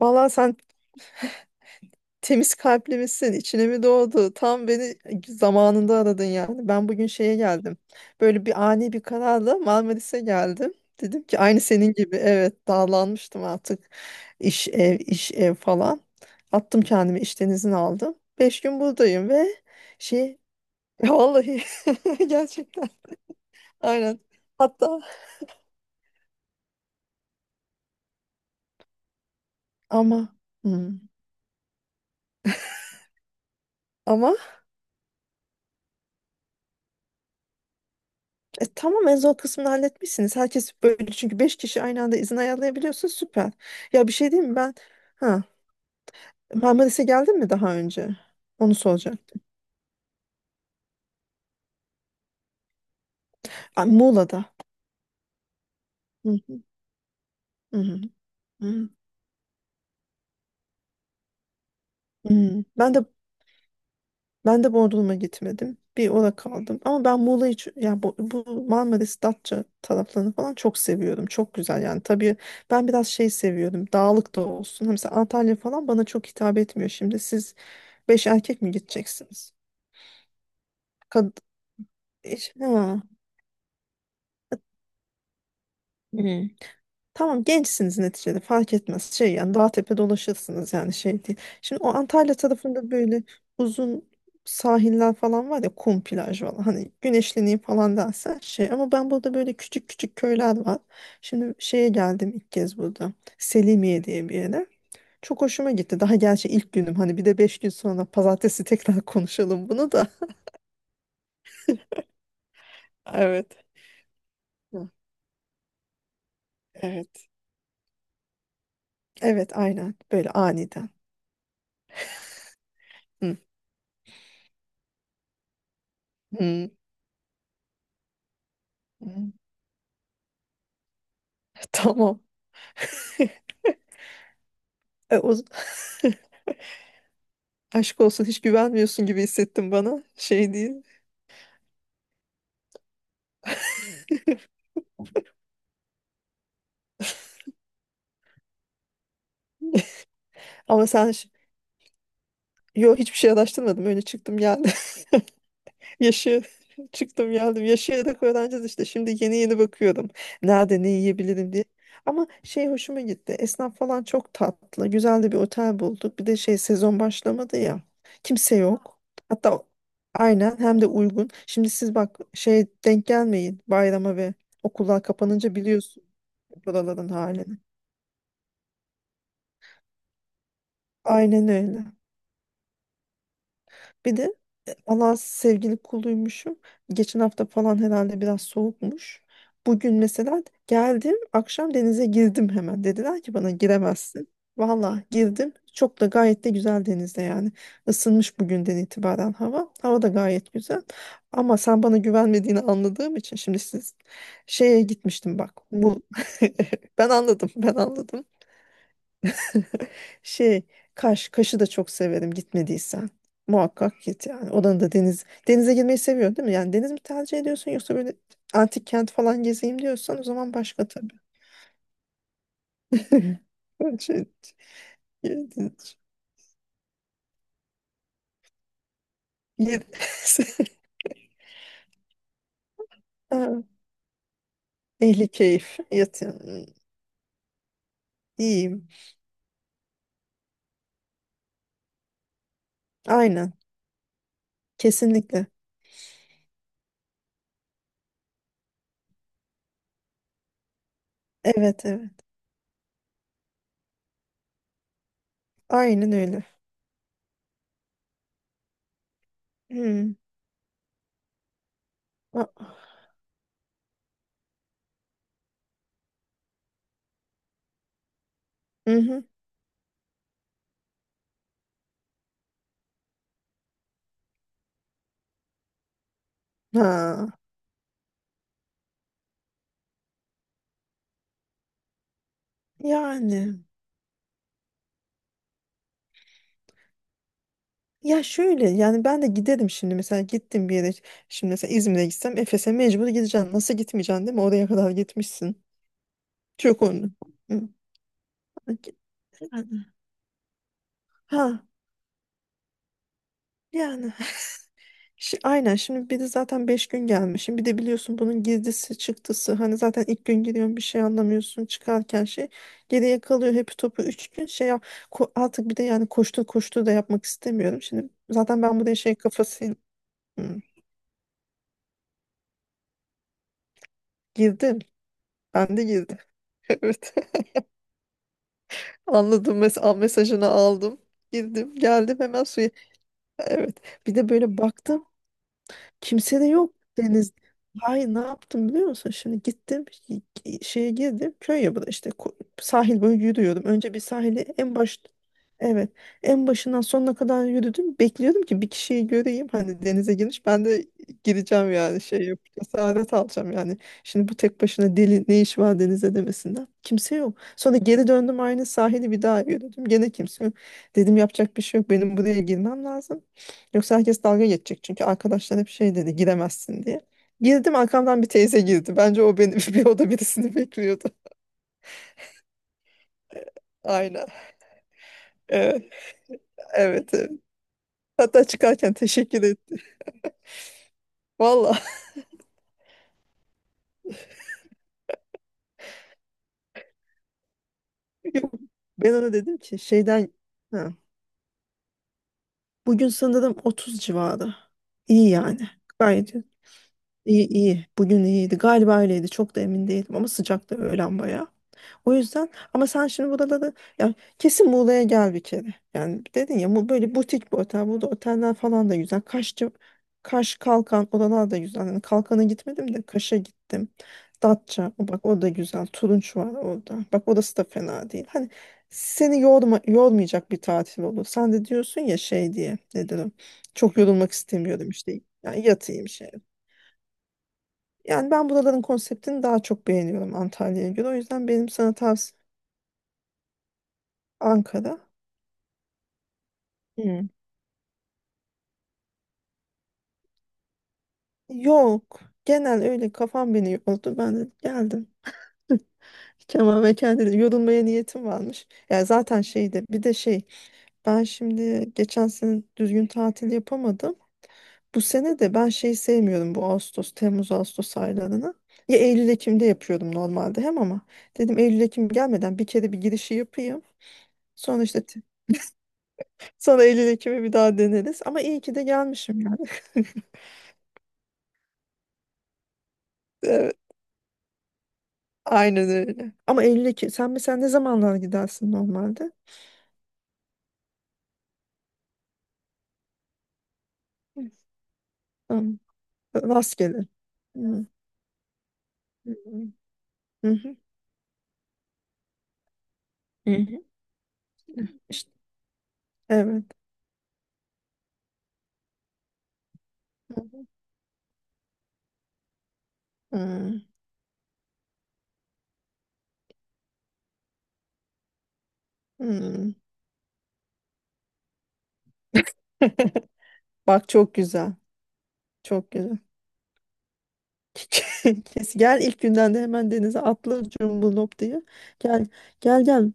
Vallahi sen temiz kalpli misin? İçine mi doğdu? Tam beni zamanında aradın yani. Ben bugün şeye geldim. Böyle bir ani bir kararla Marmaris'e geldim. Dedim ki aynı senin gibi evet dağlanmıştım artık. İş ev, iş ev falan. Attım kendimi işten izin aldım. 5 gün buradayım ve şey vallahi gerçekten aynen. Hatta ama hmm, ama tamam en zor kısmını halletmişsiniz. Herkes böyle çünkü 5 kişi aynı anda izin ayarlayabiliyorsun süper. Ya bir şey diyeyim mi ben? Ha, Marmaris'e geldin mi daha önce? Onu soracaktım. Ay, Muğla'da. Hı hı, hı hı, hı hı. Ben de Bodrum'a gitmedim. Bir orada kaldım. Ama ben Muğla'yı ç- ya bu Marmaris, Datça taraflarını falan çok seviyorum. Çok güzel yani. Tabii ben biraz şey seviyorum. Dağlık da olsun. Mesela Antalya falan bana çok hitap etmiyor. Şimdi siz 5 erkek mi gideceksiniz? İş- Ha. Hı. Tamam gençsiniz neticede fark etmez. Şey yani dağ tepe dolaşırsınız yani şey değil. Şimdi o Antalya tarafında böyle uzun sahiller falan var ya kum plaj falan hani güneşleneyim falan dersen şey ama ben burada böyle küçük küçük köyler var. Şimdi şeye geldim ilk kez burada Selimiye diye bir yere. Çok hoşuma gitti. Daha gerçi ilk günüm hani bir de 5 gün sonra pazartesi tekrar konuşalım bunu da. Evet. Hı, evet. Evet aynen böyle aniden. Hı. Hı. Hı. Tamam. O aşk olsun hiç güvenmiyorsun gibi hissettim bana. Şey değil. Ama sen ş- yo hiçbir şey araştırmadım. Öyle çıktım geldim. Yaşı çıktım geldim. Yaşayarak öğreneceğiz işte. Şimdi yeni yeni bakıyordum. Nerede ne yiyebilirim diye. Ama şey hoşuma gitti. Esnaf falan çok tatlı. Güzel de bir otel bulduk. Bir de şey sezon başlamadı ya. Kimse yok. Hatta aynen hem de uygun. Şimdi siz bak şey denk gelmeyin bayrama ve okullar kapanınca biliyorsun. Buraların halini. Aynen öyle. Bir de Allah sevgili kuluymuşum. Geçen hafta falan herhalde biraz soğukmuş. Bugün mesela geldim akşam denize girdim hemen. Dediler ki bana giremezsin. Valla girdim. Çok da gayet de güzel denizde yani. Isınmış bugünden itibaren hava. Hava da gayet güzel. Ama sen bana güvenmediğini anladığım için şimdi siz şeye gitmiştim bak. Bu ben anladım. Ben anladım. Şey, Kaş, Kaş'ı da çok severim gitmediysen. Muhakkak git yani. Oranın da deniz. Denize girmeyi seviyorsun değil mi? Yani deniz mi tercih ediyorsun yoksa böyle antik kent falan gezeyim diyorsan o zaman başka tabii. Şey, yer- ha, ehli keyif. Yatın. İyiyim. Aynen. Kesinlikle. Evet, evet. Aynen öyle. Hmm. Ah, mhm. Ha. Yani. Ya şöyle yani ben de giderim şimdi mesela gittim bir yere şimdi mesela İzmir'e gitsem Efes'e mecbur gideceğim. Nasıl gitmeyeceksin değil mi? Oraya kadar gitmişsin. Çok onu. Hı. Yani, ha yani Şi- aynen şimdi bir de zaten 5 gün gelmişim bir de biliyorsun bunun girdisi çıktısı hani zaten ilk gün giriyorsun bir şey anlamıyorsun çıkarken şey geriye kalıyor hep topu 3 gün şey yap- ko- artık bir de yani koştur koştur da yapmak istemiyorum şimdi zaten ben buraya şey kafasıyla hı, girdim ben de girdim. Evet, anladım. Mes al mesajını aldım. Girdim, geldim hemen suya. Evet. Bir de böyle baktım. Kimse de yok deniz. Hayır ne yaptım biliyor musun? Şimdi gittim y- şeye girdim köy ya bu da işte ko- sahil boyu yürüyordum. Önce bir sahili en baş evet en başından sonuna kadar yürüdüm. Bekliyordum ki bir kişiyi göreyim hani denize girmiş ben de gireceğim yani şey yapıp cesaret alacağım yani. Şimdi bu tek başına deli ne iş var denize demesinden. Kimse yok. Sonra geri döndüm aynı sahili bir daha yürüdüm. Gene kimse yok. Dedim yapacak bir şey yok benim buraya girmem lazım. Yoksa herkes dalga geçecek çünkü arkadaşlar hep şey dedi giremezsin diye. Girdim arkamdan bir teyze girdi. Bence o beni bir oda birisini bekliyordu. Aynen. Evet, evet, evet. Hatta çıkarken teşekkür etti. Valla. Ben ona dedim ki şeyden ha, bugün sanırım 30 civarı. İyi yani. Gayet iyi iyi. İyi. Bugün iyiydi. Galiba öyleydi. Çok da emin değilim ama sıcaktı öğlen bayağı. O yüzden ama sen şimdi burada da ya kesin Muğla'ya gel bir kere. Yani dedin ya bu böyle butik bir otel. Burada oteller falan da güzel. Kaşçı, Kaş Kalkan oralar da güzel. Yani Kalkan'a gitmedim de Kaş'a gittim. Datça o bak o da güzel. Turunç var orada. Bak orası da fena değil. Hani seni yorma, yormayacak bir tatil olur. Sen de diyorsun ya şey diye nedir o? Çok yorulmak istemiyorum işte. Yani yatayım şey. Yani ben buraların konseptini daha çok beğeniyorum Antalya'ya göre. O yüzden benim sana tavsiyem Ankara. Hı. Yok. Genel öyle kafam beni yordu. Ben de geldim. Kemal ve kendine yorulmaya niyetim varmış. Ya zaten şeydi bir de şey ben şimdi geçen sene düzgün tatil yapamadım. Bu sene de ben şeyi sevmiyorum bu Ağustos, Temmuz, Ağustos aylarını. Ya Eylül, Ekim'de yapıyordum normalde hem ama dedim Eylül, Ekim gelmeden bir kere bir girişi yapayım. Sonra işte t- sonra Eylül, Ekim'i bir daha deneriz. Ama iyi ki de gelmişim yani. Aynen öyle. Ama Eylül'e sen mesela ne zamanlar gidersin normalde? Hı. Tamam. Rastgele. Hı. Hı hı. Hı hı. Hı. İşte, evet. Hı. Hı. Bak çok güzel. Çok güzel. Kes, gel ilk günden de hemen denize atla cumbulop diye. Gel, gel, gel.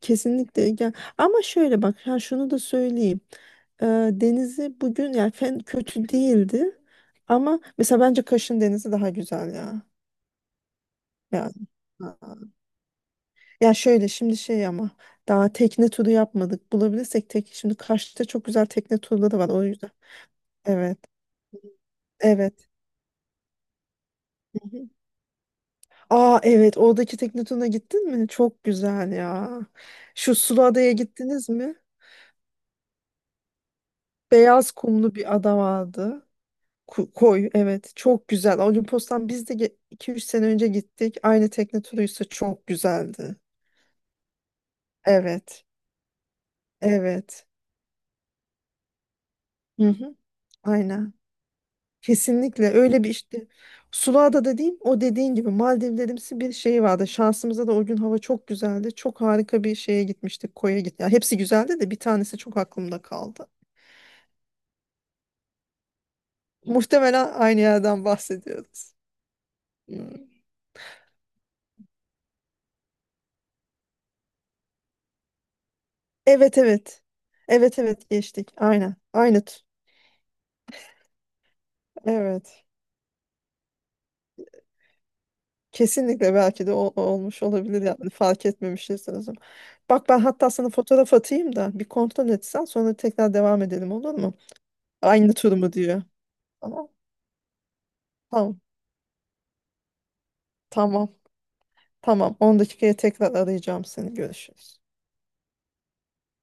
Kesinlikle gel. Ama şöyle bak ha şunu da söyleyeyim. Ee, denizi bugün yani fen kötü değildi. Ama mesela bence Kaş'ın denizi daha güzel ya. Yani. Ha. Ya şöyle şimdi şey ama daha tekne turu yapmadık. Bulabilirsek tek şimdi Kaş'ta çok güzel tekne turları var o yüzden. Evet. Evet. Hı hı. Aa evet oradaki tekne turuna gittin mi? Çok güzel ya. Şu Suluada'ya gittiniz mi? Beyaz kumlu bir ada vardı. Ku- koy evet çok güzel. Olimpos'tan biz de 2 3 sene önce gittik. Aynı tekne turuysa çok güzeldi. Evet. Evet. Hı hı. Aynen. Kesinlikle öyle bir işte Sula'da da değil o dediğin gibi Maldivlerimsi bir şey vardı. Şansımıza da o gün hava çok güzeldi. Çok harika bir şeye gitmiştik koya git. Ya hepsi güzeldi de bir tanesi çok aklımda kaldı. Muhtemelen aynı yerden bahsediyoruz. Hmm. Evet, evet. Evet, evet geçtik. Aynen. Aynı. T- Evet. Kesinlikle belki de o, olmuş olabilir yani fark etmemişiz o zaman. Bak ben hatta sana fotoğraf atayım da bir kontrol etsen sonra tekrar devam edelim olur mu? Aynı tur mu diyor. Tamam. Tamam. Tamam. Tamam. 10 dakikaya tekrar arayacağım seni. Görüşürüz.